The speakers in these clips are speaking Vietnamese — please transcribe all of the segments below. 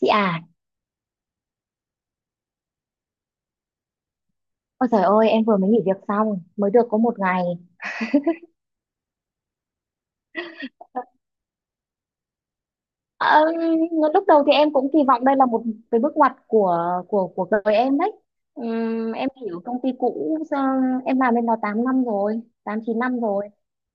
Chị à, ôi trời ơi, em vừa mới nghỉ việc xong, mới được có một ngày. Ờ, lúc đầu thì em cũng kỳ vọng đây là một cái bước ngoặt của đời em đấy. Em hiểu công ty cũ, em làm bên đó 8 năm rồi, 8 9 năm rồi.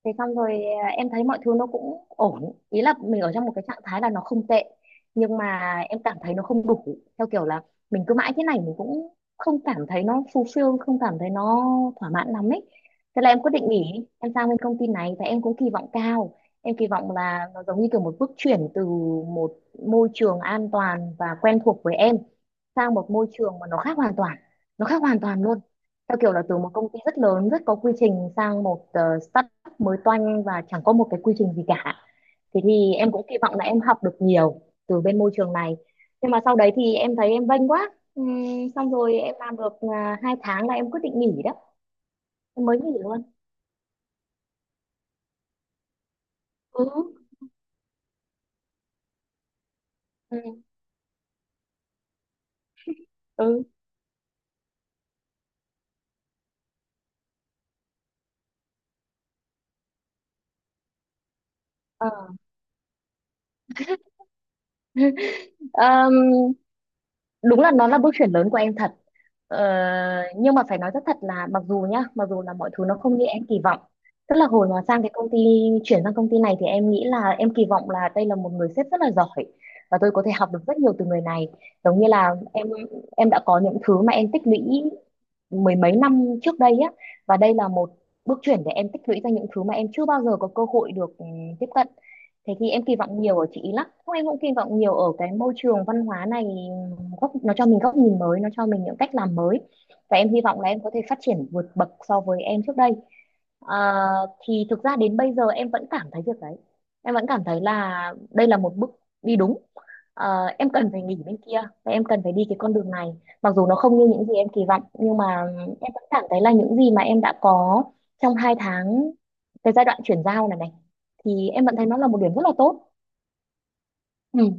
Thế xong rồi, em thấy mọi thứ nó cũng ổn, ý là mình ở trong một cái trạng thái là nó không tệ, nhưng mà em cảm thấy nó không đủ, theo kiểu là mình cứ mãi thế này mình cũng không cảm thấy nó fulfill, không cảm thấy nó thỏa mãn lắm ấy. Thế là em quyết định nghỉ, em sang bên công ty này và em cũng kỳ vọng cao. Em kỳ vọng là nó giống như kiểu một bước chuyển từ một môi trường an toàn và quen thuộc với em sang một môi trường mà nó khác hoàn toàn. Nó khác hoàn toàn luôn. Theo kiểu là từ một công ty rất lớn, rất có quy trình sang một startup mới toanh và chẳng có một cái quy trình gì cả. Thế thì em cũng kỳ vọng là em học được nhiều từ bên môi trường này. Nhưng mà sau đấy thì em thấy em vênh quá. Xong rồi em làm được hai tháng là em quyết định nghỉ đó. Em mới nghỉ luôn. Ừ. Ừ. Ừ. Ờ. Ờm, đúng là nó là bước chuyển lớn của em thật, ờ, nhưng mà phải nói rất thật là mặc dù nhá, mặc dù là mọi thứ nó không như em kỳ vọng, tức là hồi mà sang cái công ty chuyển sang công ty này thì em nghĩ là em kỳ vọng là đây là một người sếp rất là giỏi và tôi có thể học được rất nhiều từ người này, giống như là em đã có những thứ mà em tích lũy mười mấy năm trước đây á, và đây là một bước chuyển để em tích lũy ra những thứ mà em chưa bao giờ có cơ hội được tiếp cận. Thế thì em kỳ vọng nhiều ở chị ý lắm, không, em cũng kỳ vọng nhiều ở cái môi trường văn hóa này, nó cho mình góc nhìn mới, nó cho mình những cách làm mới, và em hy vọng là em có thể phát triển vượt bậc so với em trước đây. Ờ, thì thực ra đến bây giờ em vẫn cảm thấy việc đấy, em vẫn cảm thấy là đây là một bước đi đúng. Em cần phải nghỉ bên kia và em cần phải đi cái con đường này, mặc dù nó không như những gì em kỳ vọng, nhưng mà em vẫn cảm thấy là những gì mà em đã có trong hai tháng cái giai đoạn chuyển giao này này, thì em vẫn thấy nó là một điểm rất là tốt. Ừ.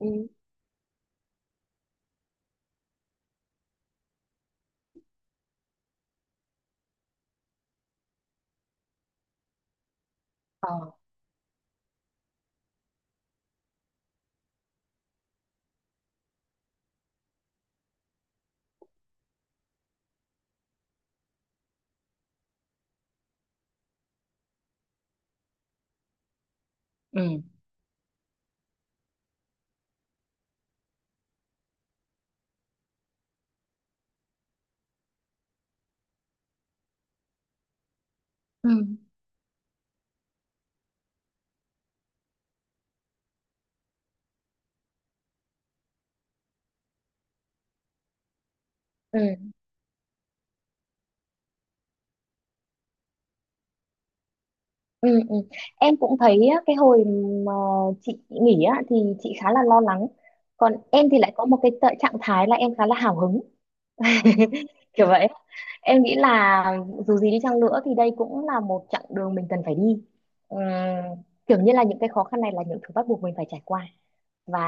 Ừ. Ờ. Ừ. Ừ. Ừ. Ừ, ừ. Em cũng thấy á, cái hồi mà chị nghỉ á, thì chị khá là lo lắng, còn em thì lại có một cái trạng thái là em khá là hào hứng. Kiểu vậy, em nghĩ là dù gì đi chăng nữa thì đây cũng là một chặng đường mình cần phải đi. Ừm, kiểu như là những cái khó khăn này là những thứ bắt buộc mình phải trải qua, và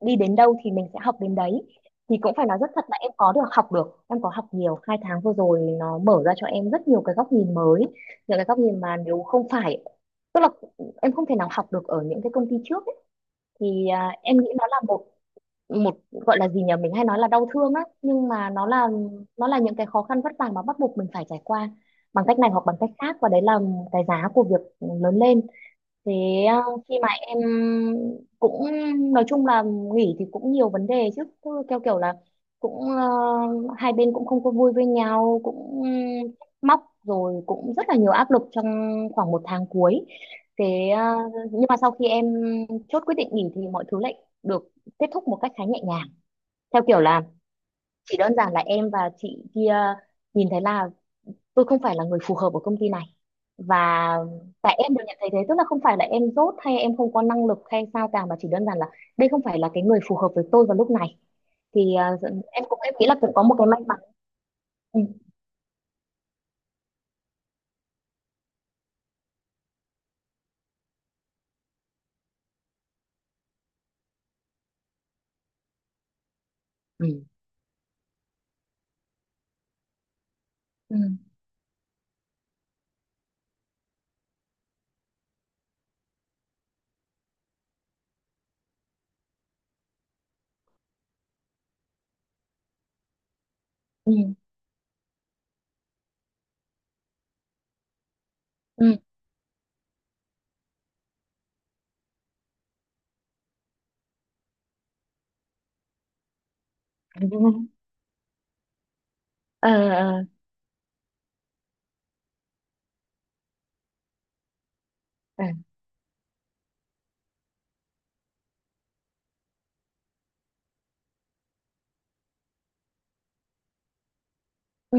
đi đến đâu thì mình sẽ học đến đấy. Thì cũng phải nói rất thật là em có được học, được em có học nhiều, hai tháng vừa rồi nó mở ra cho em rất nhiều cái góc nhìn mới, những cái góc nhìn mà nếu không phải, tức là em không thể nào học được ở những cái công ty trước ấy. Thì em nghĩ nó là một một gọi là gì nhỉ, mình hay nói là đau thương á, nhưng mà nó là, nó là những cái khó khăn vất vả mà bắt buộc mình phải trải qua bằng cách này hoặc bằng cách khác, và đấy là cái giá của việc lớn lên. Thế khi mà em cũng, nói chung là, nghỉ thì cũng nhiều vấn đề chứ. Cứ theo kiểu là cũng hai bên cũng không có vui với nhau, cũng móc rồi, cũng rất là nhiều áp lực trong khoảng một tháng cuối. Thế nhưng mà sau khi em chốt quyết định nghỉ thì mọi thứ lại được kết thúc một cách khá nhẹ nhàng, theo kiểu là chỉ đơn giản là em và chị kia nhìn thấy là tôi không phải là người phù hợp ở công ty này, và tại em được nhận thấy thế, tức là không phải là em dốt hay em không có năng lực hay sao cả, mà chỉ đơn giản là đây không phải là cái người phù hợp với tôi vào lúc này. Thì em cũng, em nghĩ là cũng có một cái may mắn. Ừ. Ừ. Ừ. Ừ. Ừ. Ờ. Ờ. Ờ. Ừ.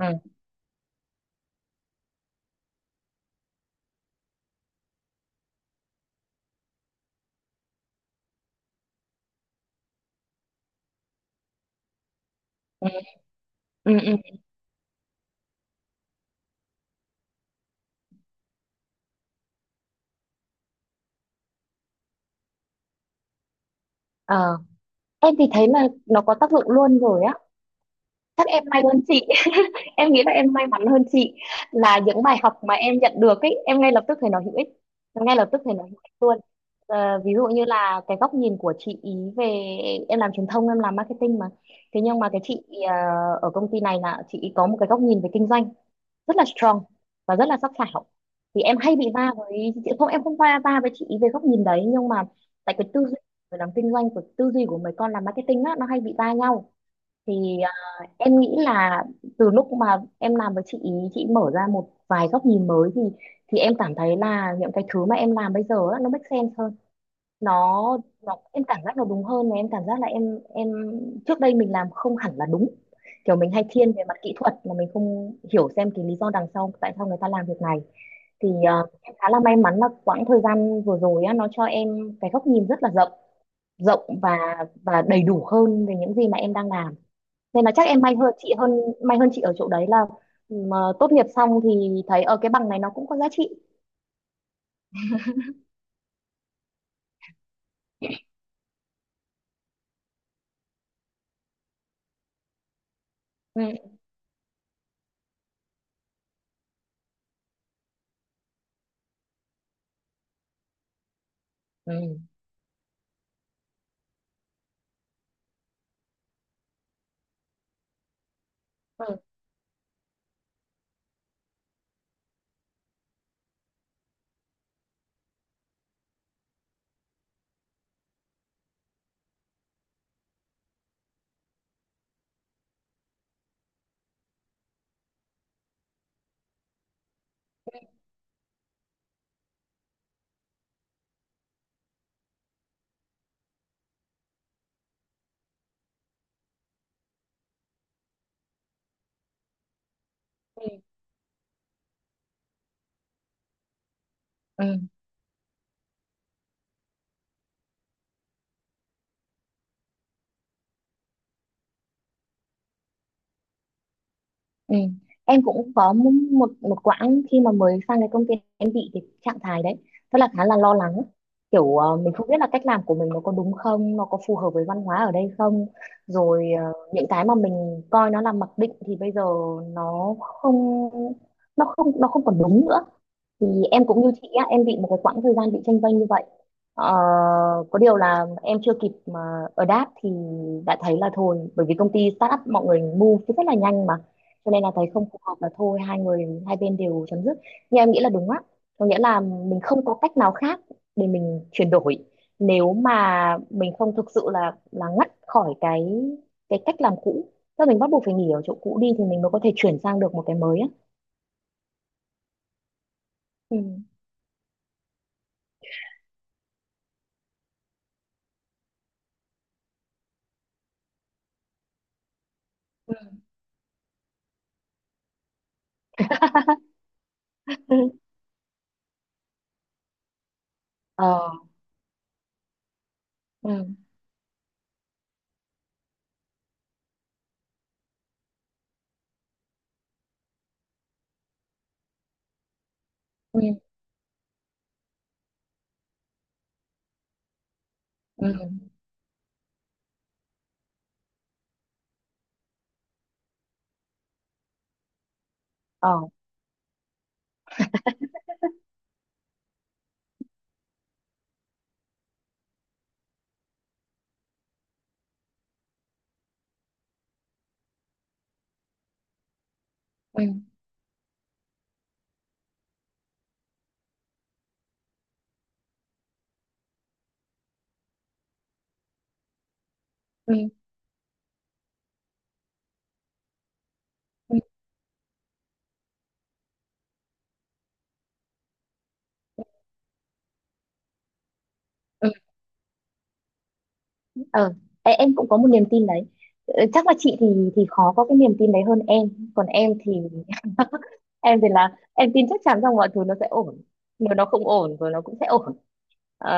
Ừ. Ừ. Ừ. Ừ. Ờ. Em thì thấy là nó có tác dụng luôn rồi á, chắc em may hơn chị, em nghĩ là em may mắn hơn chị, là những bài học mà em nhận được ấy, em ngay lập tức thấy nó hữu ích, ngay lập tức thấy nó hữu ích luôn. Ví dụ như là cái góc nhìn của chị ý về, em làm truyền thông, em làm marketing mà. Thế nhưng mà cái chị, ờ, ở công ty này là chị ý có một cái góc nhìn về kinh doanh rất là strong và rất là sắc sảo. Thì em hay bị va với chị, không, em không va va với chị ý về góc nhìn đấy, nhưng mà tại cái tư duy về làm kinh doanh, của tư duy của mấy con làm marketing á, nó hay bị va nhau. Thì em nghĩ là từ lúc mà em làm với chị ý, chị mở ra một vài góc nhìn mới, thì em cảm thấy là những cái thứ mà em làm bây giờ á, nó make sense hơn, nó em cảm giác nó đúng hơn, và em cảm giác là em trước đây mình làm không hẳn là đúng, kiểu mình hay thiên về mặt kỹ thuật mà mình không hiểu xem cái lý do đằng sau, tại sao người ta làm việc này. Thì em khá là may mắn là quãng thời gian vừa rồi á, nó cho em cái góc nhìn rất là rộng, rộng và và đầy đủ hơn về những gì mà em đang làm. Nên là chắc em may hơn chị hơn, may hơn chị ở chỗ đấy là mà tốt nghiệp xong thì thấy ở cái bằng này nó cũng có giá trị. Ừ. Ừ. Ừ, ừ. Ừ. Ừ. Em cũng có một một quãng khi mà mới sang cái công ty, em bị cái trạng thái đấy, rất là, khá là lo lắng, kiểu mình không biết là cách làm của mình nó có đúng không, nó có phù hợp với văn hóa ở đây không. Rồi những cái mà mình coi nó là mặc định thì bây giờ nó không, nó không nó không còn đúng nữa. Thì em cũng như chị á, em bị một cái quãng thời gian bị chênh vênh như vậy, ờ, có điều là em chưa kịp mà adapt thì đã thấy là thôi, bởi vì công ty startup mọi người move rất là nhanh mà, cho nên là thấy không phù hợp là thôi, hai người, hai bên đều chấm dứt. Nhưng em nghĩ là đúng á, có nghĩa là mình không có cách nào khác để mình chuyển đổi, nếu mà mình không thực sự là ngắt khỏi cái cách làm cũ, tức là mình bắt buộc phải nghỉ ở chỗ cũ đi thì mình mới có thể chuyển sang được một cái mới á. Ừ. Ừ. Ờ. Ừ. Ừ. Ừ. Ờ. Ừ. Ừ. Ừ. Ừ. Ờ. Ê, em cũng có một niềm tin đấy. Chắc là chị thì khó có cái niềm tin đấy hơn em, còn em thì, em thì là em tin chắc chắn rằng mọi thứ nó sẽ ổn, nếu nó không ổn rồi nó cũng sẽ ổn. Ờ,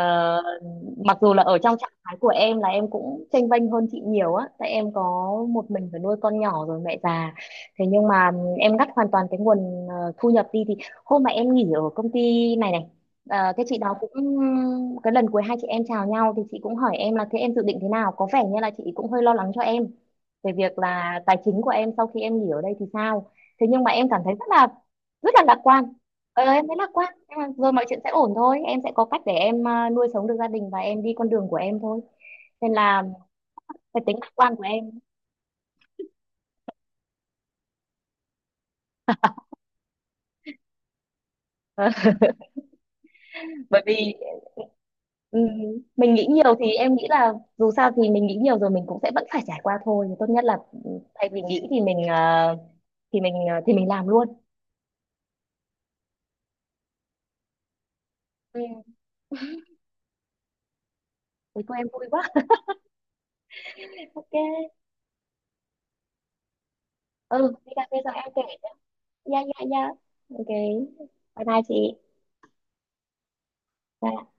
mặc dù là ở trong trạng thái của em là em cũng chênh vênh hơn chị nhiều á, tại em có một mình phải nuôi con nhỏ rồi mẹ già, thế nhưng mà em ngắt hoàn toàn cái nguồn, thu nhập đi, thì hôm mà em nghỉ ở công ty này này, cái chị đó cũng, cái lần cuối hai chị em chào nhau thì chị cũng hỏi em là thế em dự định thế nào, có vẻ như là chị cũng hơi lo lắng cho em về việc là tài chính của em sau khi em nghỉ ở đây thì sao. Thế nhưng mà em cảm thấy rất là, rất là lạc quan. Em thấy lạc quan, nhưng mà rồi mọi chuyện sẽ ổn thôi, em sẽ có cách để em, nuôi sống được gia đình và em đi con đường của em thôi, nên là cái tính lạc quan của em. Bởi vì ừm, mình nghĩ nhiều, thì em nghĩ là dù sao thì mình nghĩ nhiều rồi mình cũng sẽ vẫn phải trải qua thôi. Thì tốt nhất là thay vì nghĩ thì mình, thì mình làm luôn. Ừ, thì cô em vui quá. OK. Ừ, đi cà phê rồi em kể. Yeah, yeah, yeah. OK. Bye bye chị. Bye.